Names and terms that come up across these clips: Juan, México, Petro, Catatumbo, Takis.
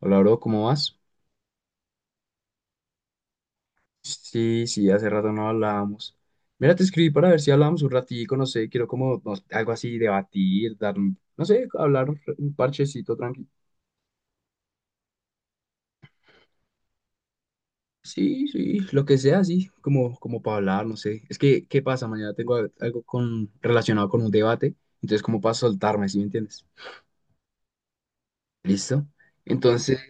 Hola, bro, ¿cómo vas? Sí, sí, hace rato no hablábamos. Mira, te escribí para ver si hablábamos un ratico, no sé, quiero como algo así, debatir, dar, no sé, hablar un parchecito tranquilo. Sí, sí, lo que sea, sí, como para hablar, no sé. Es que, ¿qué pasa? Mañana tengo algo con, relacionado con un debate, entonces como para soltarme, ¿sí me entiendes? ¿Listo? Entonces,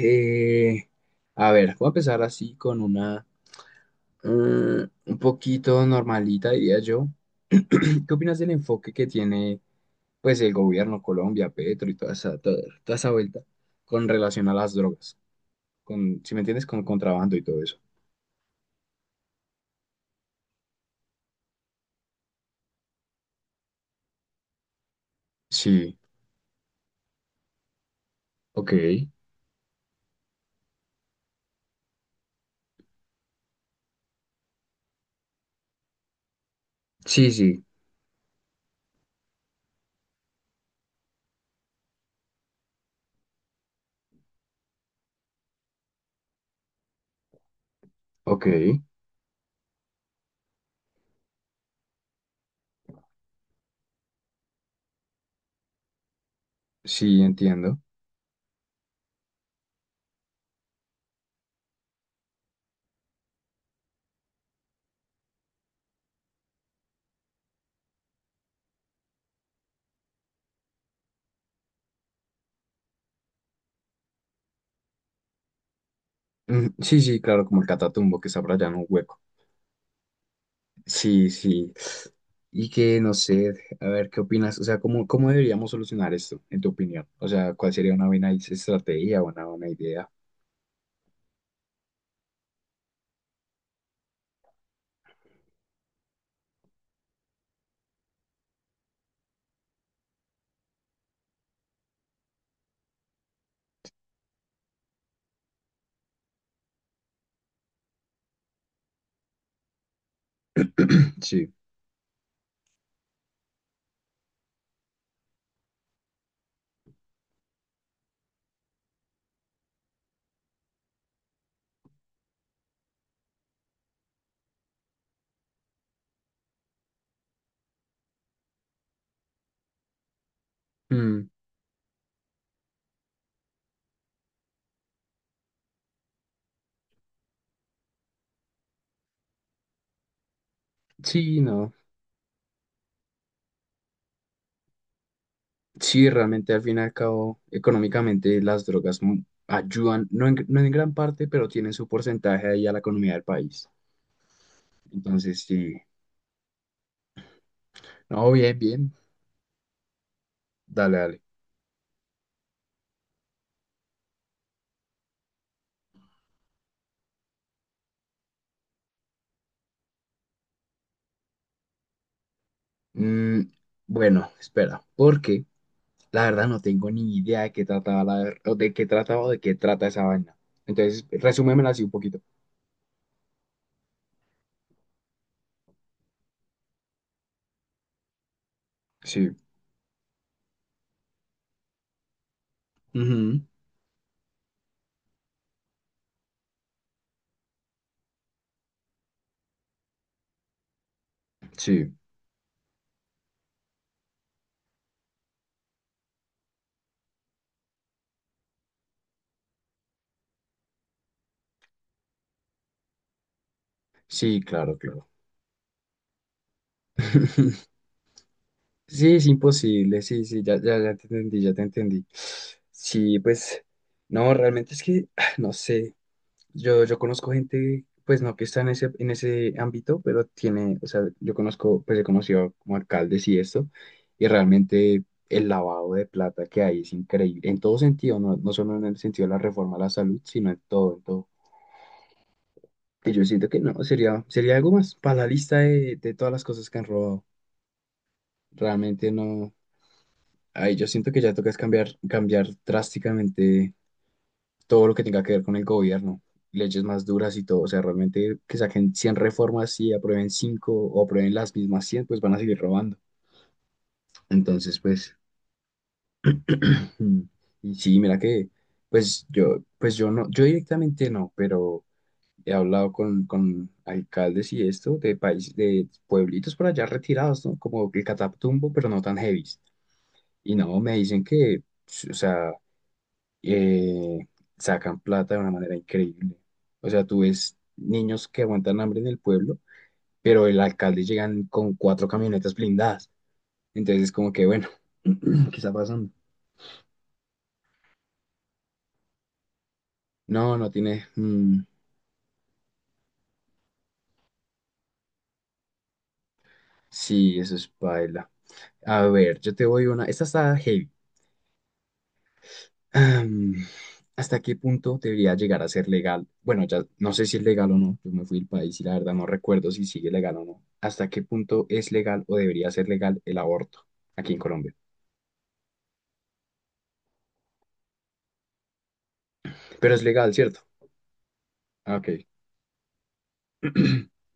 eh, a ver, voy a empezar así con una, mm, un poquito normalita, diría yo. ¿Qué opinas del enfoque que tiene pues el gobierno, Colombia, Petro y toda esa vuelta con relación a las drogas? Con, si me entiendes, con contrabando y todo eso. Sí, ok. Sí, sí, ok. Sí, entiendo. Mm, sí, sí, claro, como el Catatumbo que está por allá en un hueco. Sí, sí. Y que no sé, a ver, ¿qué opinas? O sea, ¿cómo, cómo deberíamos solucionar esto, en tu opinión? O sea, ¿cuál sería una buena estrategia, o una buena idea? Sí. Mm, sí, no. Sí, realmente al fin y al cabo, económicamente las drogas ayudan, no en, no en gran parte, pero tienen su porcentaje ahí a la economía del país. Entonces, sí, no, bien, bien, dale, dale. Mm, bueno, espera, porque la verdad no tengo ni idea de qué trataba la, o de qué trataba o de qué trata esa vaina. Entonces, resúmemela así un poquito. Sí. Ujú, sí, sí, claro, claro. Sí, es imposible, sí, sí, ya, ya, ya te entendí, ya te entendí. Sí, pues, no, realmente es que, no sé, yo conozco gente, pues no que está en ese ámbito, pero tiene, o sea, yo conozco, pues he conocido como alcaldes y esto, y realmente el lavado de plata que hay es increíble, en todo sentido, no, no solo en el sentido de la reforma a la salud, sino en todo, en todo. Y yo siento que no, sería algo más para la lista de todas las cosas que han robado. Realmente no. Ay, yo siento que ya tocas cambiar, cambiar drásticamente todo lo que tenga que ver con el gobierno, leyes más duras y todo, o sea, realmente que saquen 100 reformas y aprueben 5 o aprueben las mismas 100 pues van a seguir robando. Entonces, pues, y sí, mira que, pues yo no, yo directamente no, pero he hablado con alcaldes y esto de países, de pueblitos por allá retirados, ¿no? Como el Catatumbo, pero no tan heavy. Y no, me dicen que, o sea, eh, sacan plata de una manera increíble. O sea, tú ves niños que aguantan hambre en el pueblo, pero el alcalde llegan con cuatro camionetas blindadas. Entonces es como que, bueno, ¿qué está pasando? No, no tiene. Mm, sí, eso es paila. A ver, yo te voy una. Esta está heavy. Am, ¿Hasta qué punto debería llegar a ser legal? Bueno, ya no sé si es legal o no. Yo me fui del país y la verdad no recuerdo si sigue legal o no. ¿Hasta qué punto es legal o debería ser legal el aborto aquí en Colombia? Pero es legal, ¿cierto? Ah, ok.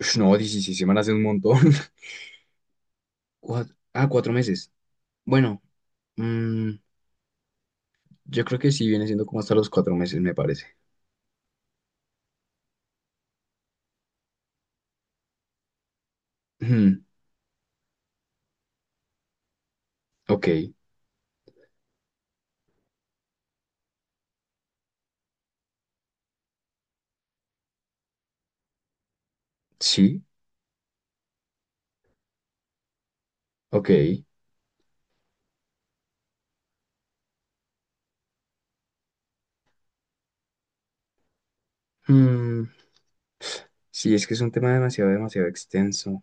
Ush, no, 16 semanas es un montón. 4 meses. Bueno, mm, yo creo que sí viene siendo como hasta los 4 meses, me parece. Ujú, ok, sí, ok. Mm, sí, es que es un tema demasiado, demasiado extenso.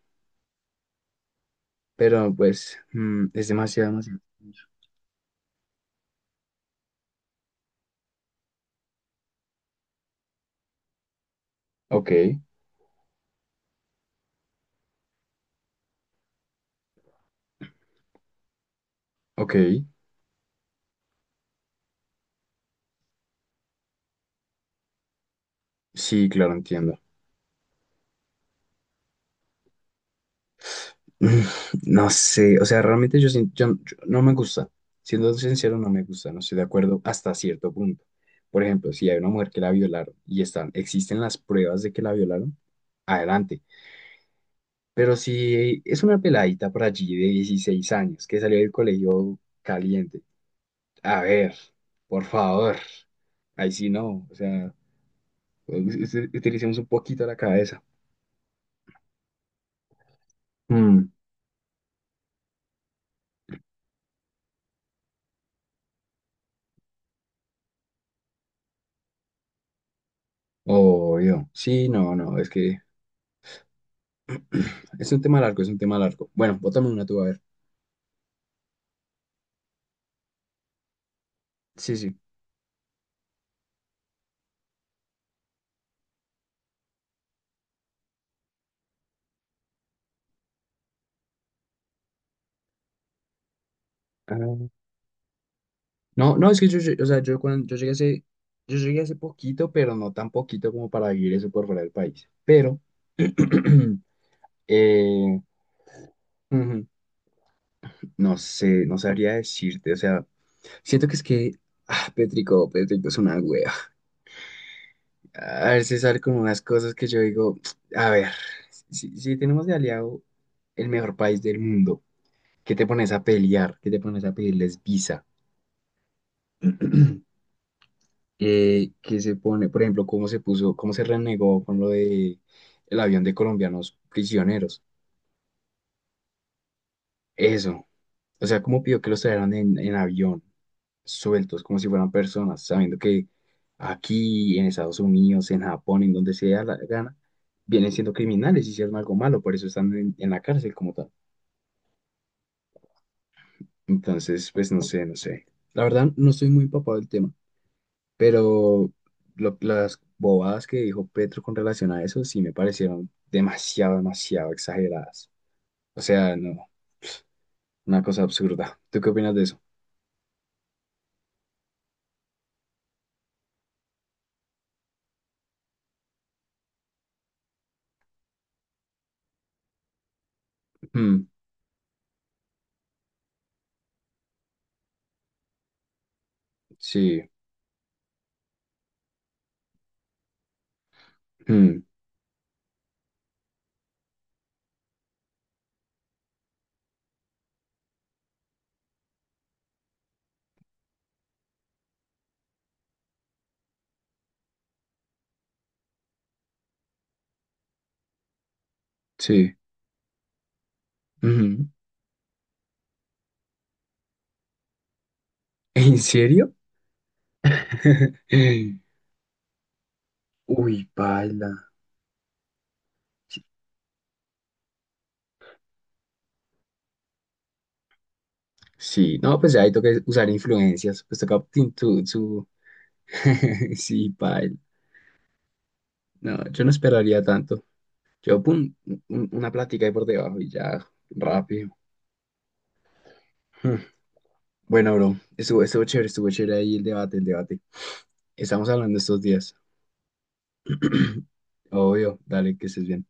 Pero pues, es demasiado, demasiado extenso. Ok, ok. Sí, claro, entiendo. Mm, no sé, o sea, realmente yo, no me gusta. Siendo sincero, no me gusta, no estoy de acuerdo hasta cierto punto. Por ejemplo, si hay una mujer que la violaron y están, existen las pruebas de que la violaron, adelante. Pero si es una peladita por allí de 16 años que salió del colegio caliente, a ver, por favor, ahí sí no, o sea, utilicemos un poquito la cabeza. Mm, obvio, sí, no, no, es que es un tema largo, es un tema largo. Bueno, bótame una tú, a ver. Sí, sí. Ah, no, no, es que yo, o sea, yo cuando yo llegué hace poquito, pero no tan poquito como para vivir eso por fuera del país. Pero, eh, ujú. No sé, no sabría decirte, o sea, siento que es que, Pétrico, Pétrico es una wea. A veces sale como unas cosas que yo digo, a ver, si, tenemos de aliado el mejor país del mundo, ¿qué te pones a pelear? ¿Qué te pones a pedirles visa? Que se pone, por ejemplo, cómo se puso, cómo se renegó con lo de el avión de colombianos prisioneros. Eso. O sea, cómo pidió que los trajeran en, avión, sueltos, como si fueran personas, sabiendo que aquí, en Estados Unidos, en Japón, en donde sea la gana, vienen siendo criminales, hicieron algo malo, por eso están en la cárcel como tal. Entonces, pues no sé, no sé. La verdad, no estoy muy empapado del tema, pero las bobadas que dijo Petro con relación a eso sí me parecieron demasiado, demasiado exageradas. O sea, no, una cosa absurda. ¿Tú qué opinas de eso? Mm, sí, mm, sí. Ujú. ¿En serio? Uy, paila. Sí, no, pues ya ahí toca usar influencias, pues toca Sí, paila. No, yo no esperaría tanto. Yo, pum, una plática ahí por debajo y ya, rápido. Bueno, bro, estuvo chévere, estuvo chévere ahí el debate, el debate. Estamos hablando estos días. Obvio, dale, que estés bien.